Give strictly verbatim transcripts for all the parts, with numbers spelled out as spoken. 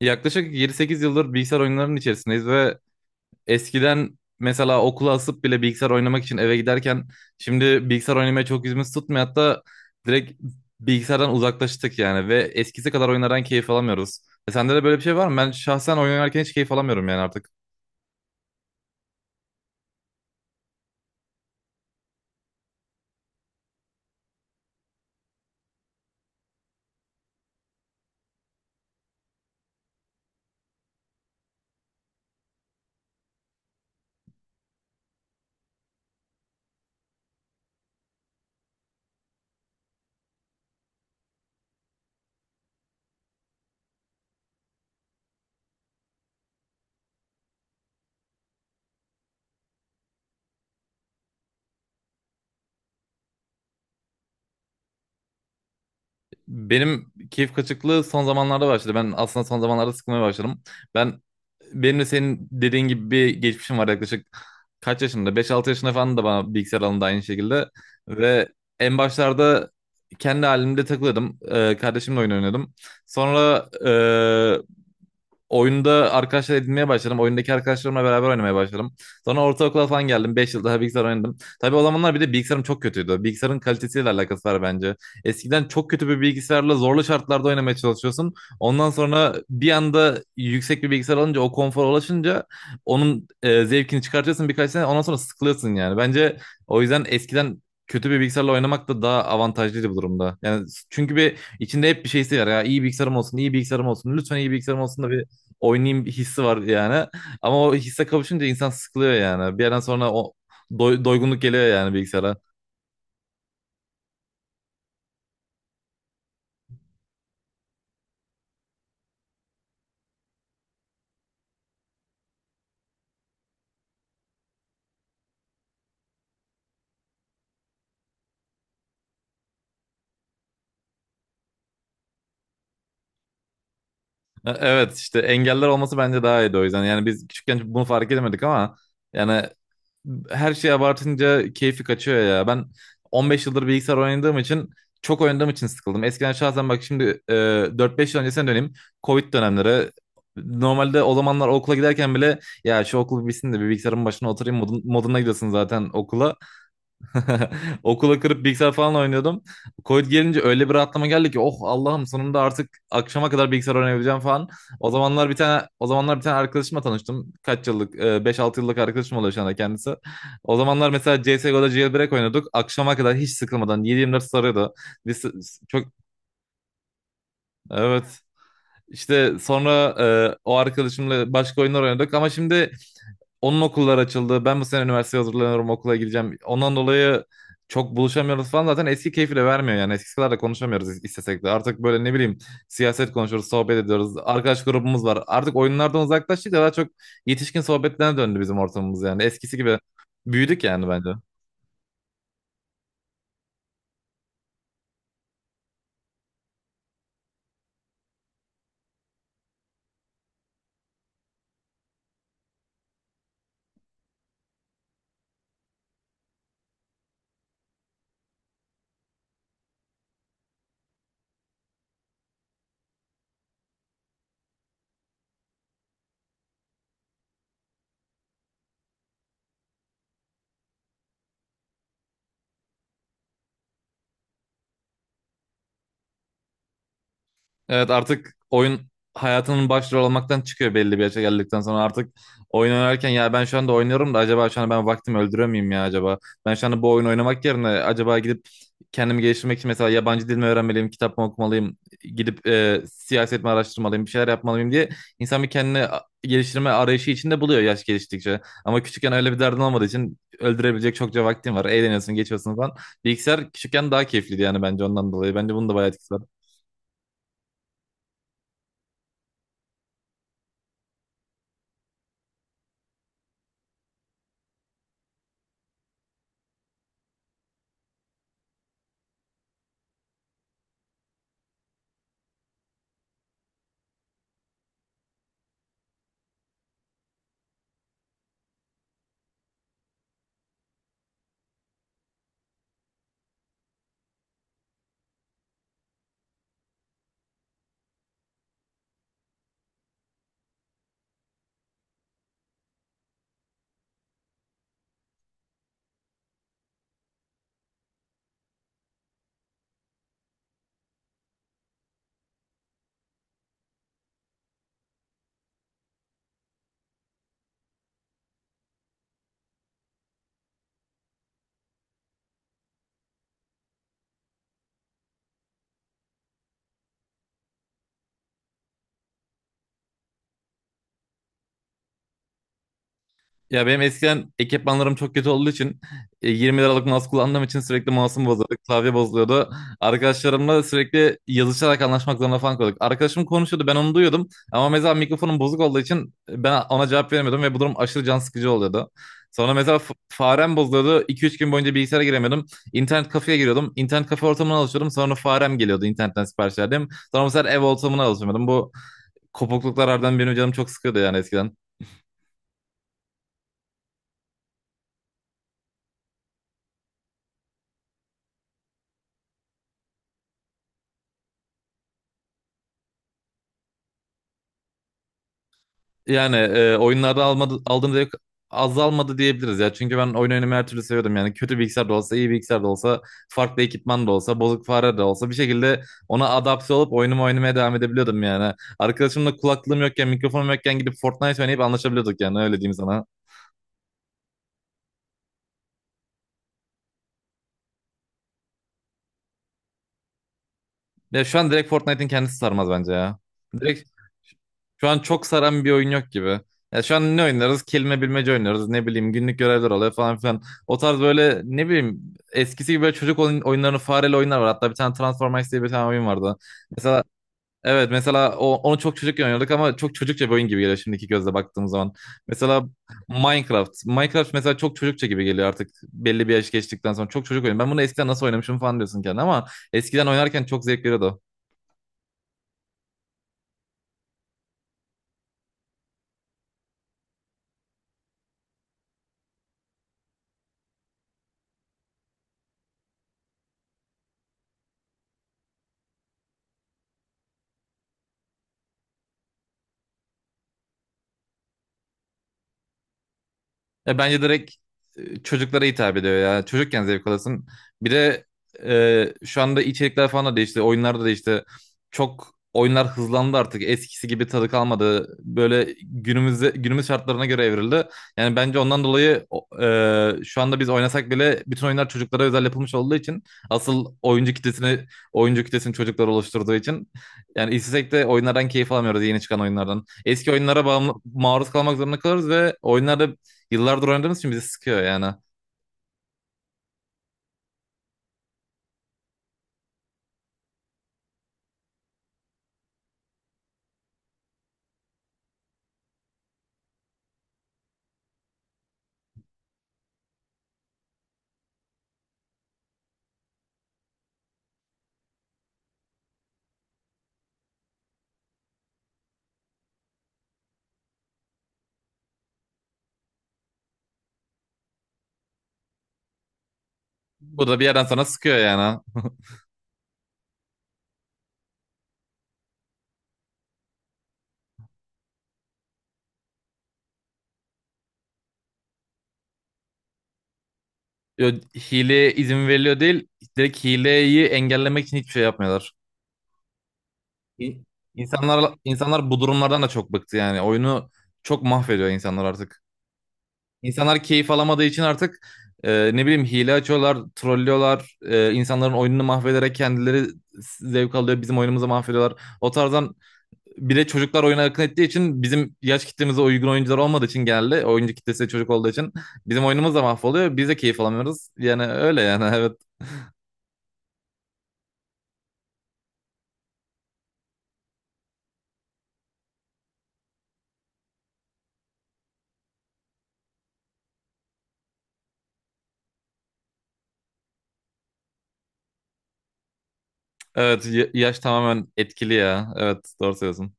Yaklaşık yedi sekiz yıldır bilgisayar oyunlarının içerisindeyiz ve eskiden mesela okula asıp bile bilgisayar oynamak için eve giderken şimdi bilgisayar oynamaya çok yüzümüz tutmuyor. Hatta direkt bilgisayardan uzaklaştık yani ve eskisi kadar oyunlardan keyif alamıyoruz. E sende de böyle bir şey var mı? Ben şahsen oyun oynarken hiç keyif alamıyorum yani artık. Benim keyif kaçıklığı son zamanlarda başladı. Ben aslında son zamanlarda sıkılmaya başladım. Ben benim de senin dediğin gibi bir geçmişim var yaklaşık kaç yaşında? Beş altı yaşında falan da bana bilgisayar alındı aynı şekilde. Ve en başlarda kendi halimde takılıyordum. Ee, kardeşimle oyun oynuyordum. Sonra oyunda arkadaşlar edinmeye başladım. Oyundaki arkadaşlarımla beraber oynamaya başladım. Sonra ortaokula falan geldim. Beş yıl daha bilgisayar oynadım. Tabii o zamanlar bir de bilgisayarım çok kötüydü. Bilgisayarın kalitesiyle alakası var bence. Eskiden çok kötü bir bilgisayarla zorlu şartlarda oynamaya çalışıyorsun. Ondan sonra bir anda yüksek bir bilgisayar alınca o konfora ulaşınca onun e, zevkini çıkartıyorsun birkaç sene. Ondan sonra sıkılıyorsun yani. Bence o yüzden eskiden kötü bir bilgisayarla oynamak da daha avantajlıydı bu durumda. Yani çünkü bir İçinde hep bir şeysi var ya. İyi bilgisayarım olsun, iyi bilgisayarım olsun. Lütfen iyi bilgisayarım olsun da bir oynayayım bir hissi var yani. Ama o hisse kavuşunca insan sıkılıyor yani. Bir yerden sonra o doy- doygunluk geliyor yani bilgisayara. E, Evet işte engeller olması bence daha iyiydi o yüzden. Yani biz küçükken bunu fark edemedik ama yani her şeyi abartınca keyfi kaçıyor ya. Ben on beş yıldır bilgisayar oynadığım için çok oynadığım için sıkıldım. Eskiden şahsen bak şimdi e, dört beş yıl öncesine döneyim. Covid dönemleri. Normalde o zamanlar okula giderken bile ya şu okul bitsin de bir bilgisayarın başına oturayım modun- moduna gidiyorsun zaten okula. Okula kırıp bilgisayar falan oynuyordum. Covid gelince öyle bir rahatlama geldi ki oh Allah'ım sonunda artık akşama kadar bilgisayar oynayabileceğim falan. O zamanlar bir tane o zamanlar bir tane arkadaşımla tanıştım. Kaç yıllık? e, beş altı yıllık arkadaşım oluyor şu anda kendisi. O zamanlar mesela C S G O'da jailbreak oynuyorduk. Akşama kadar hiç sıkılmadan yedi yirmi dört sarıyordu. Biz çok, evet. İşte sonra e, o arkadaşımla başka oyunlar oynadık ama şimdi onun okullar açıldı. Ben bu sene üniversiteye hazırlanıyorum, okula gideceğim. Ondan dolayı çok buluşamıyoruz falan. Zaten eski keyfi de vermiyor yani. Eskisi kadar da konuşamıyoruz is- istesek de. Artık böyle ne bileyim siyaset konuşuyoruz, sohbet ediyoruz. Arkadaş grubumuz var. Artık oyunlardan uzaklaştık da daha çok yetişkin sohbetlerine döndü bizim ortamımız yani. Eskisi gibi büyüdük yani bence. Evet artık oyun hayatının başrol olmaktan çıkıyor belli bir yaşa geldikten sonra artık oyun oynarken ya ben şu anda oynuyorum da acaba şu anda ben vaktimi öldürüyor muyum ya acaba? Ben şu anda bu oyunu oynamak yerine acaba gidip kendimi geliştirmek için mesela yabancı dil mi öğrenmeliyim, kitap mı okumalıyım, gidip e, siyaset mi araştırmalıyım, bir şeyler yapmalıyım diye insan bir kendini a- geliştirme arayışı içinde buluyor yaş geliştikçe. Ama küçükken öyle bir derdin olmadığı için öldürebilecek çokça vaktin var. Eğleniyorsun, geçiyorsun falan. Bilgisayar küçükken daha keyifliydi yani bence ondan dolayı. Bence bunun da bayağı etkisi var. Ya benim eskiden ekipmanlarım çok kötü olduğu için e, yirmi liralık mouse kullandığım için sürekli mouse'um bozuldu, klavye bozuluyordu. Arkadaşlarımla sürekli yazışarak anlaşmak zorunda falan kalıyorduk. Arkadaşım konuşuyordu ben onu duyuyordum ama mesela mikrofonum bozuk olduğu için ben ona cevap veremiyordum ve bu durum aşırı can sıkıcı oluyordu. Sonra mesela f- farem bozuluyordu. İki üç gün boyunca bilgisayara giremiyordum. İnternet kafeye giriyordum. İnternet kafe ortamına alışıyordum. Sonra farem geliyordu internetten sipariş verdim. Sonra mesela ev ortamına alışıyordum. Bu kopukluklar harbiden benim canım çok sıkıyordu yani eskiden. Yani e, oyunlarda almadı, aldığım zevk azalmadı diyebiliriz ya. Çünkü ben oyun oynamayı her türlü seviyordum. Yani kötü bilgisayar da olsa, iyi bilgisayar da olsa, farklı ekipman da olsa, bozuk fare de olsa bir şekilde ona adapte olup oyunumu oynamaya devam edebiliyordum yani. Arkadaşımla kulaklığım yokken, mikrofonum yokken gidip Fortnite oynayıp anlaşabiliyorduk yani öyle diyeyim sana. Ya şu an direkt Fortnite'in kendisi sarmaz bence ya. Direkt şu an çok saran bir oyun yok gibi. Ya şu an ne oynarız? Kelime bilmece oynarız. Ne bileyim günlük görevler oluyor falan filan. O tarz böyle ne bileyim eskisi gibi böyle çocuk oyun, oyunlarını fareli oyunlar var. Hatta bir tane Transformers diye bir tane oyun vardı. Mesela evet mesela o, onu çok çocukken oynuyorduk ama çok çocukça bir oyun gibi geliyor şimdiki gözle baktığım zaman. Mesela Minecraft. Minecraft mesela çok çocukça gibi geliyor artık belli bir yaş geçtikten sonra. Çok çocuk oyun. Ben bunu eskiden nasıl oynamışım falan diyorsun kendine ama eskiden oynarken çok zevk veriyordu. Ya bence direkt e, çocuklara hitap ediyor ya. Çocukken zevk alasın. Bir de e, şu anda içerikler falan da değişti. Oyunlar da değişti. Çok oyunlar hızlandı artık. Eskisi gibi tadı kalmadı. Böyle günümüzde günümüz şartlarına göre evrildi. Yani bence ondan dolayı o- e, şu anda biz oynasak bile bütün oyunlar çocuklara özel yapılmış olduğu için asıl oyuncu kitlesini oyuncu kitlesini çocuklar oluşturduğu için yani istesek de oyunlardan keyif alamıyoruz yeni çıkan oyunlardan. Eski oyunlara bağımlı, maruz kalmak zorunda kalırız ve oyunlarda yıllardır oynadığımız için bizi sıkıyor yani. Bu da bir yerden sonra sıkıyor yani. Yo- Hileye izin veriliyor değil. Direkt hileyi engellemek için hiçbir şey yapmıyorlar. İ- İnsanlar, insanlar bu durumlardan da çok bıktı yani. Oyunu çok mahvediyor insanlar artık. İnsanlar keyif alamadığı için artık e, ne bileyim hile açıyorlar, trollüyorlar. E, insanların oyununu mahvederek kendileri zevk alıyor. Bizim oyunumuzu mahvediyorlar. O tarzdan bir de çocuklar oyuna akın ettiği için bizim yaş kitlemize uygun oyuncular olmadığı için geldi. Oyuncu kitlesi çocuk olduğu için bizim oyunumuz da mahvoluyor. Biz de keyif alamıyoruz. Yani öyle yani evet. Evet y- yaş tamamen etkili ya. Evet doğru söylüyorsun.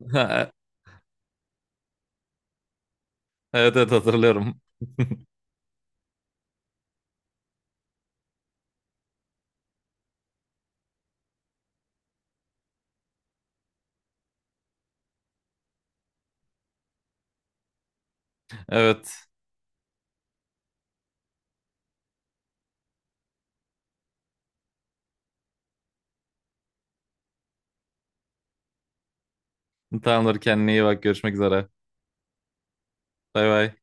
Evet evet hatırlıyorum. Evet tamamdır kendine iyi bak görüşmek üzere. Bay bay.